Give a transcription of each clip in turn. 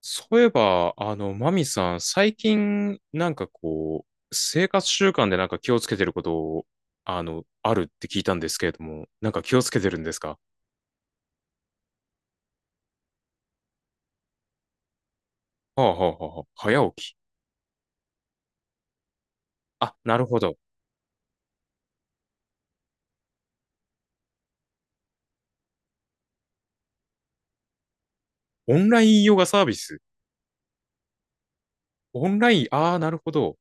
そういえば、マミさん、最近、なんかこう、生活習慣でなんか気をつけてることを、あるって聞いたんですけれども、なんか気をつけてるんですか？はあはあはあはあ、早起き。あ、なるほど。オンラインヨガサービス。オンライン、ああ、なるほど。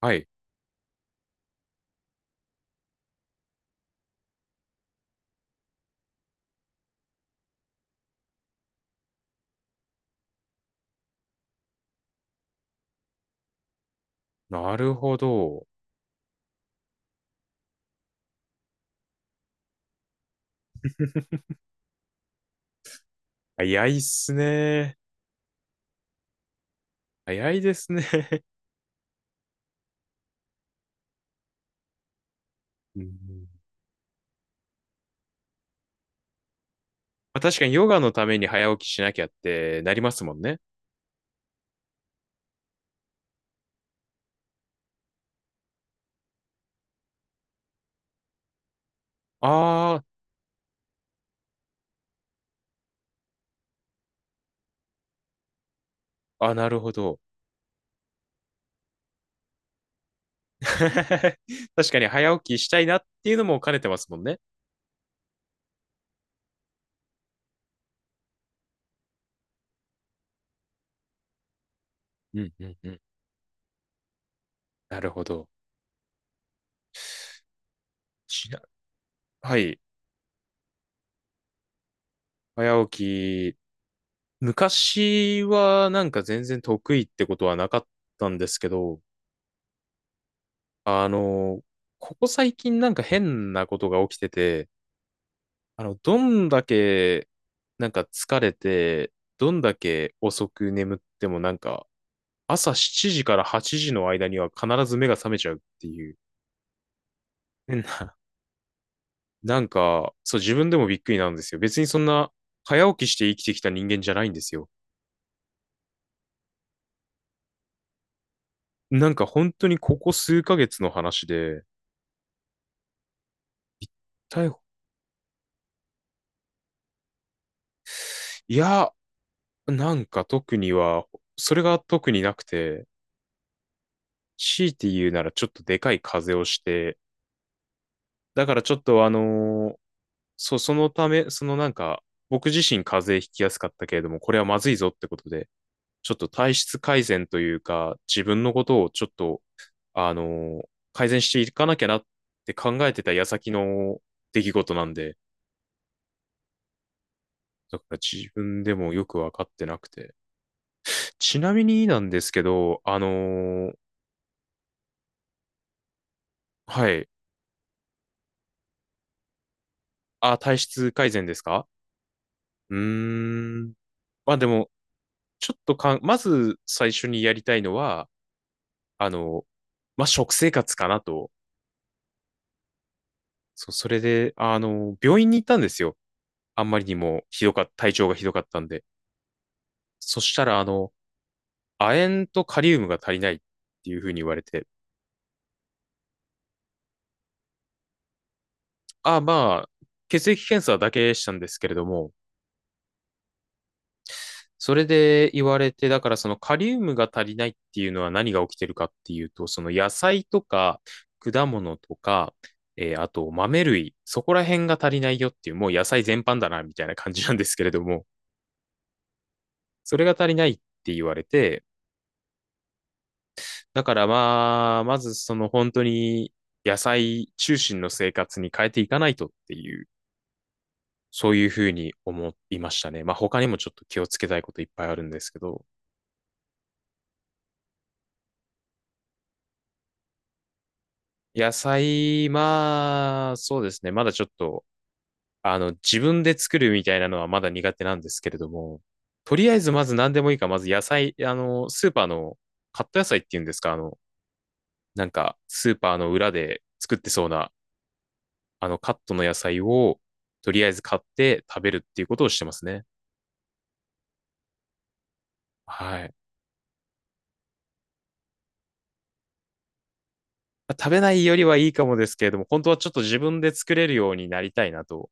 はい。なるほど。早いっすね。早いですね。うん、まあ確かにヨガのために早起きしなきゃってなりますもんね。ああ、あ、なるほど。確かに早起きしたいなっていうのも兼ねてますもんね。うんうんうん。なるほど。ちなはい。早起き。昔はなんか全然得意ってことはなかったんですけど、あの、ここ最近なんか変なことが起きてて、どんだけなんか疲れて、どんだけ遅く眠ってもなんか朝7時から8時の間には必ず目が覚めちゃうっていう変な、なんか、そう、自分でもびっくりなんですよ。別にそんな早起きして生きてきた人間じゃないんですよ。なんか本当にここ数ヶ月の話で、逮捕、いや、なんか特には、それが特になくて、強いて言うならちょっとでかい風邪をして、だからちょっとそう、そのため、そのなんか、僕自身風邪ひきやすかったけれども、これはまずいぞってことで、ちょっと体質改善というか、自分のことをちょっと改善していかなきゃなって考えてた矢先の出来事なんで、だから自分でもよくわかってなくて。ちなみになんですけど、はい。あ、体質改善ですか？うーん。まあでも、ちょっとまず最初にやりたいのは、あの、まあ食生活かなと。そう、それで、病院に行ったんですよ。あんまりにもひどかった、体調がひどかったんで。そしたら、亜鉛とカリウムが足りないっていうふうに言われて、ああ、まあ、血液検査だけしたんですけれども、それで言われて、だからそのカリウムが足りないっていうのは何が起きてるかっていうと、その野菜とか果物とか、あと豆類、そこら辺が足りないよっていう、もう野菜全般だなみたいな感じなんですけれども、それが足りないって言われて、だからまあ、まずその本当に野菜中心の生活に変えていかないとっていう、そういうふうに思いましたね。まあ他にもちょっと気をつけたいこといっぱいあるんですけど、野菜、まあそうですね。まだちょっと、自分で作るみたいなのはまだ苦手なんですけれども、とりあえずまず何でもいいから、まず野菜、スーパーのカット野菜っていうんですか、なんかスーパーの裏で作ってそうな、あのカットの野菜をとりあえず買って食べるっていうことをしてますね。はい。食べないよりはいいかもですけれども、本当はちょっと自分で作れるようになりたいなと、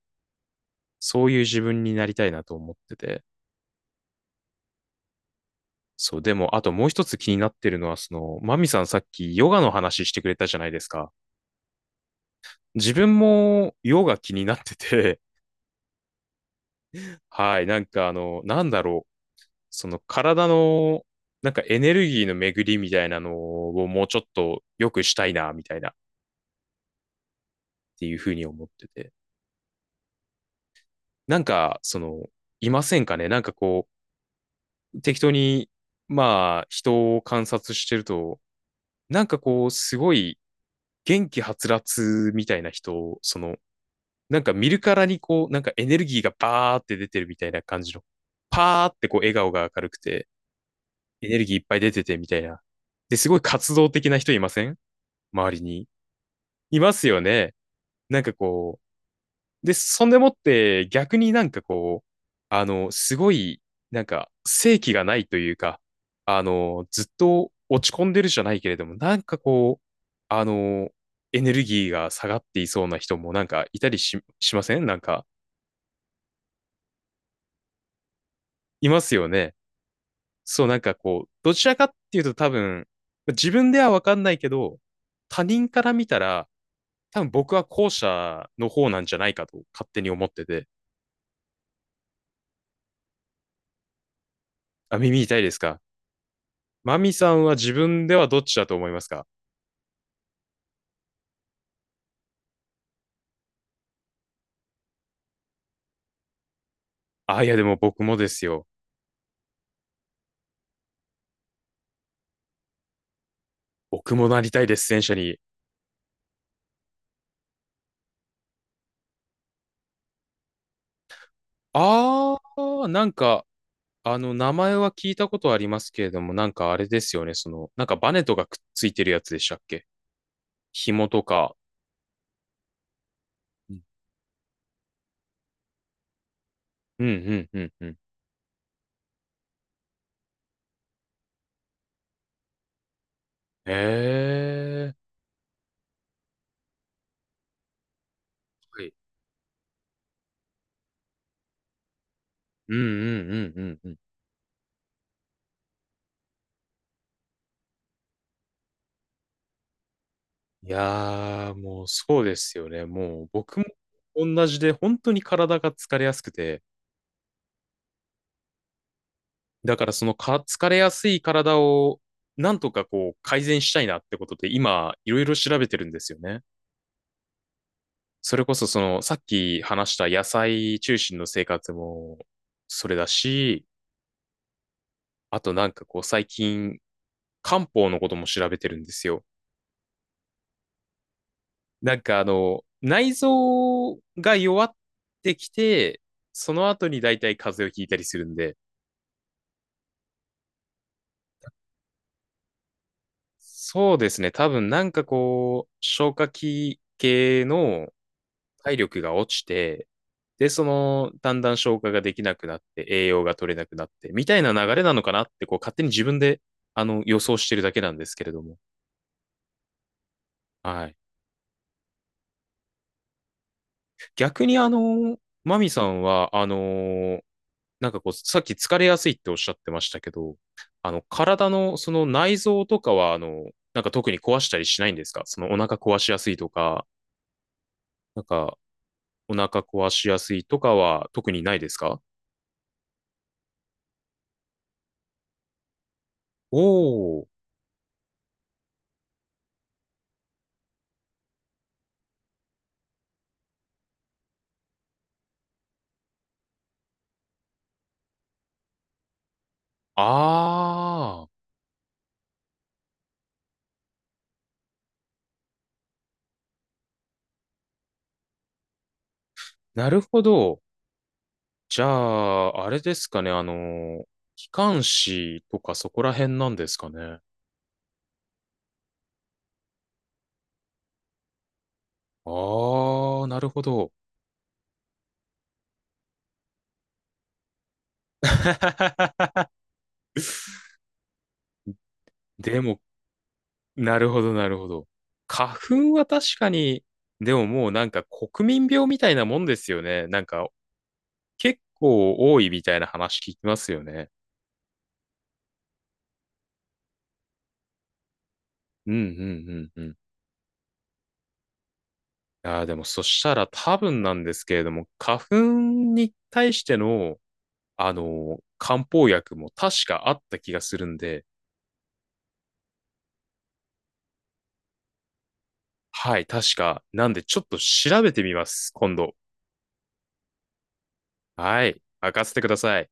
そういう自分になりたいなと思ってて。そう、でも、あともう一つ気になってるのは、その、マミさんさっきヨガの話してくれたじゃないですか。自分もヨガ気になってて、はい、なんかなんだろう、その体の、なんかエネルギーの巡りみたいなのをもうちょっと良くしたいな、みたいなっていうふうに思ってて。なんか、その、いませんかね、なんかこう、適当に、まあ、人を観察してると、なんかこう、すごい元気はつらつみたいな人を、その、なんか見るからにこう、なんかエネルギーがバーって出てるみたいな感じの、パーってこう笑顔が明るくて、エネルギーいっぱい出ててみたいな。で、すごい活動的な人いません、周りに？いますよね。なんかこう、で、そんでもって逆になんかこう、すごい、なんか、生気がないというか、ずっと落ち込んでるじゃないけれども、なんかこう、あの、エネルギーが下がっていそうな人もなんかいたりしません、なんか。いますよね。そう、なんかこう、どちらかっていうと多分、自分ではわかんないけど、他人から見たら、多分僕は後者の方なんじゃないかと勝手に思ってて、あ、耳痛いですか？マミさんは自分ではどっちだと思いますか？あ、いやでも僕もですよ。僕もなりたいです、戦車に。あー、なんか、名前は聞いたことありますけれども、なんかあれですよね、その、なんかバネとかくっついてるやつでしたっけ？紐とか。うん。うんうんうんうん。へー。はい。うんうんうんうんうん。いやー、もうそうですよね。もう僕も同じで、本当に体が疲れやすくて、だからその疲れやすい体をなんとかこう改善したいなってことで今いろいろ調べてるんですよね。それこそそのさっき話した野菜中心の生活もそれだし、あとなんかこう最近漢方のことも調べてるんですよ。なんか内臓が弱ってきて、その後に大体風邪をひいたりするんで、そうですね。多分なんかこう消化器系の体力が落ちて、で、その、だんだん消化ができなくなって、栄養が取れなくなって、みたいな流れなのかなって、こう、勝手に自分で、予想してるだけなんですけれども。はい。逆に、マミさんは、なんかこう、さっき疲れやすいっておっしゃってましたけど、体のその内臓とかは、なんか特に壊したりしないんですか？そのお腹壊しやすいとか、なんかお腹壊しやすいとかは特にないですか？おー、あー。なるほど。じゃあ、あれですかね。機関士とかそこら辺なんですかね。ああ、なるほど。でも、なるほど、なるほど。花粉は確かに、でももうなんか国民病みたいなもんですよね。なんか結構多いみたいな話聞きますよね。うんうんうんうん。ああ、でもそしたら多分なんですけれども、花粉に対しての漢方薬も確かあった気がするんで、はい、確か。なんで、ちょっと調べてみます、今度。はい、任せてください。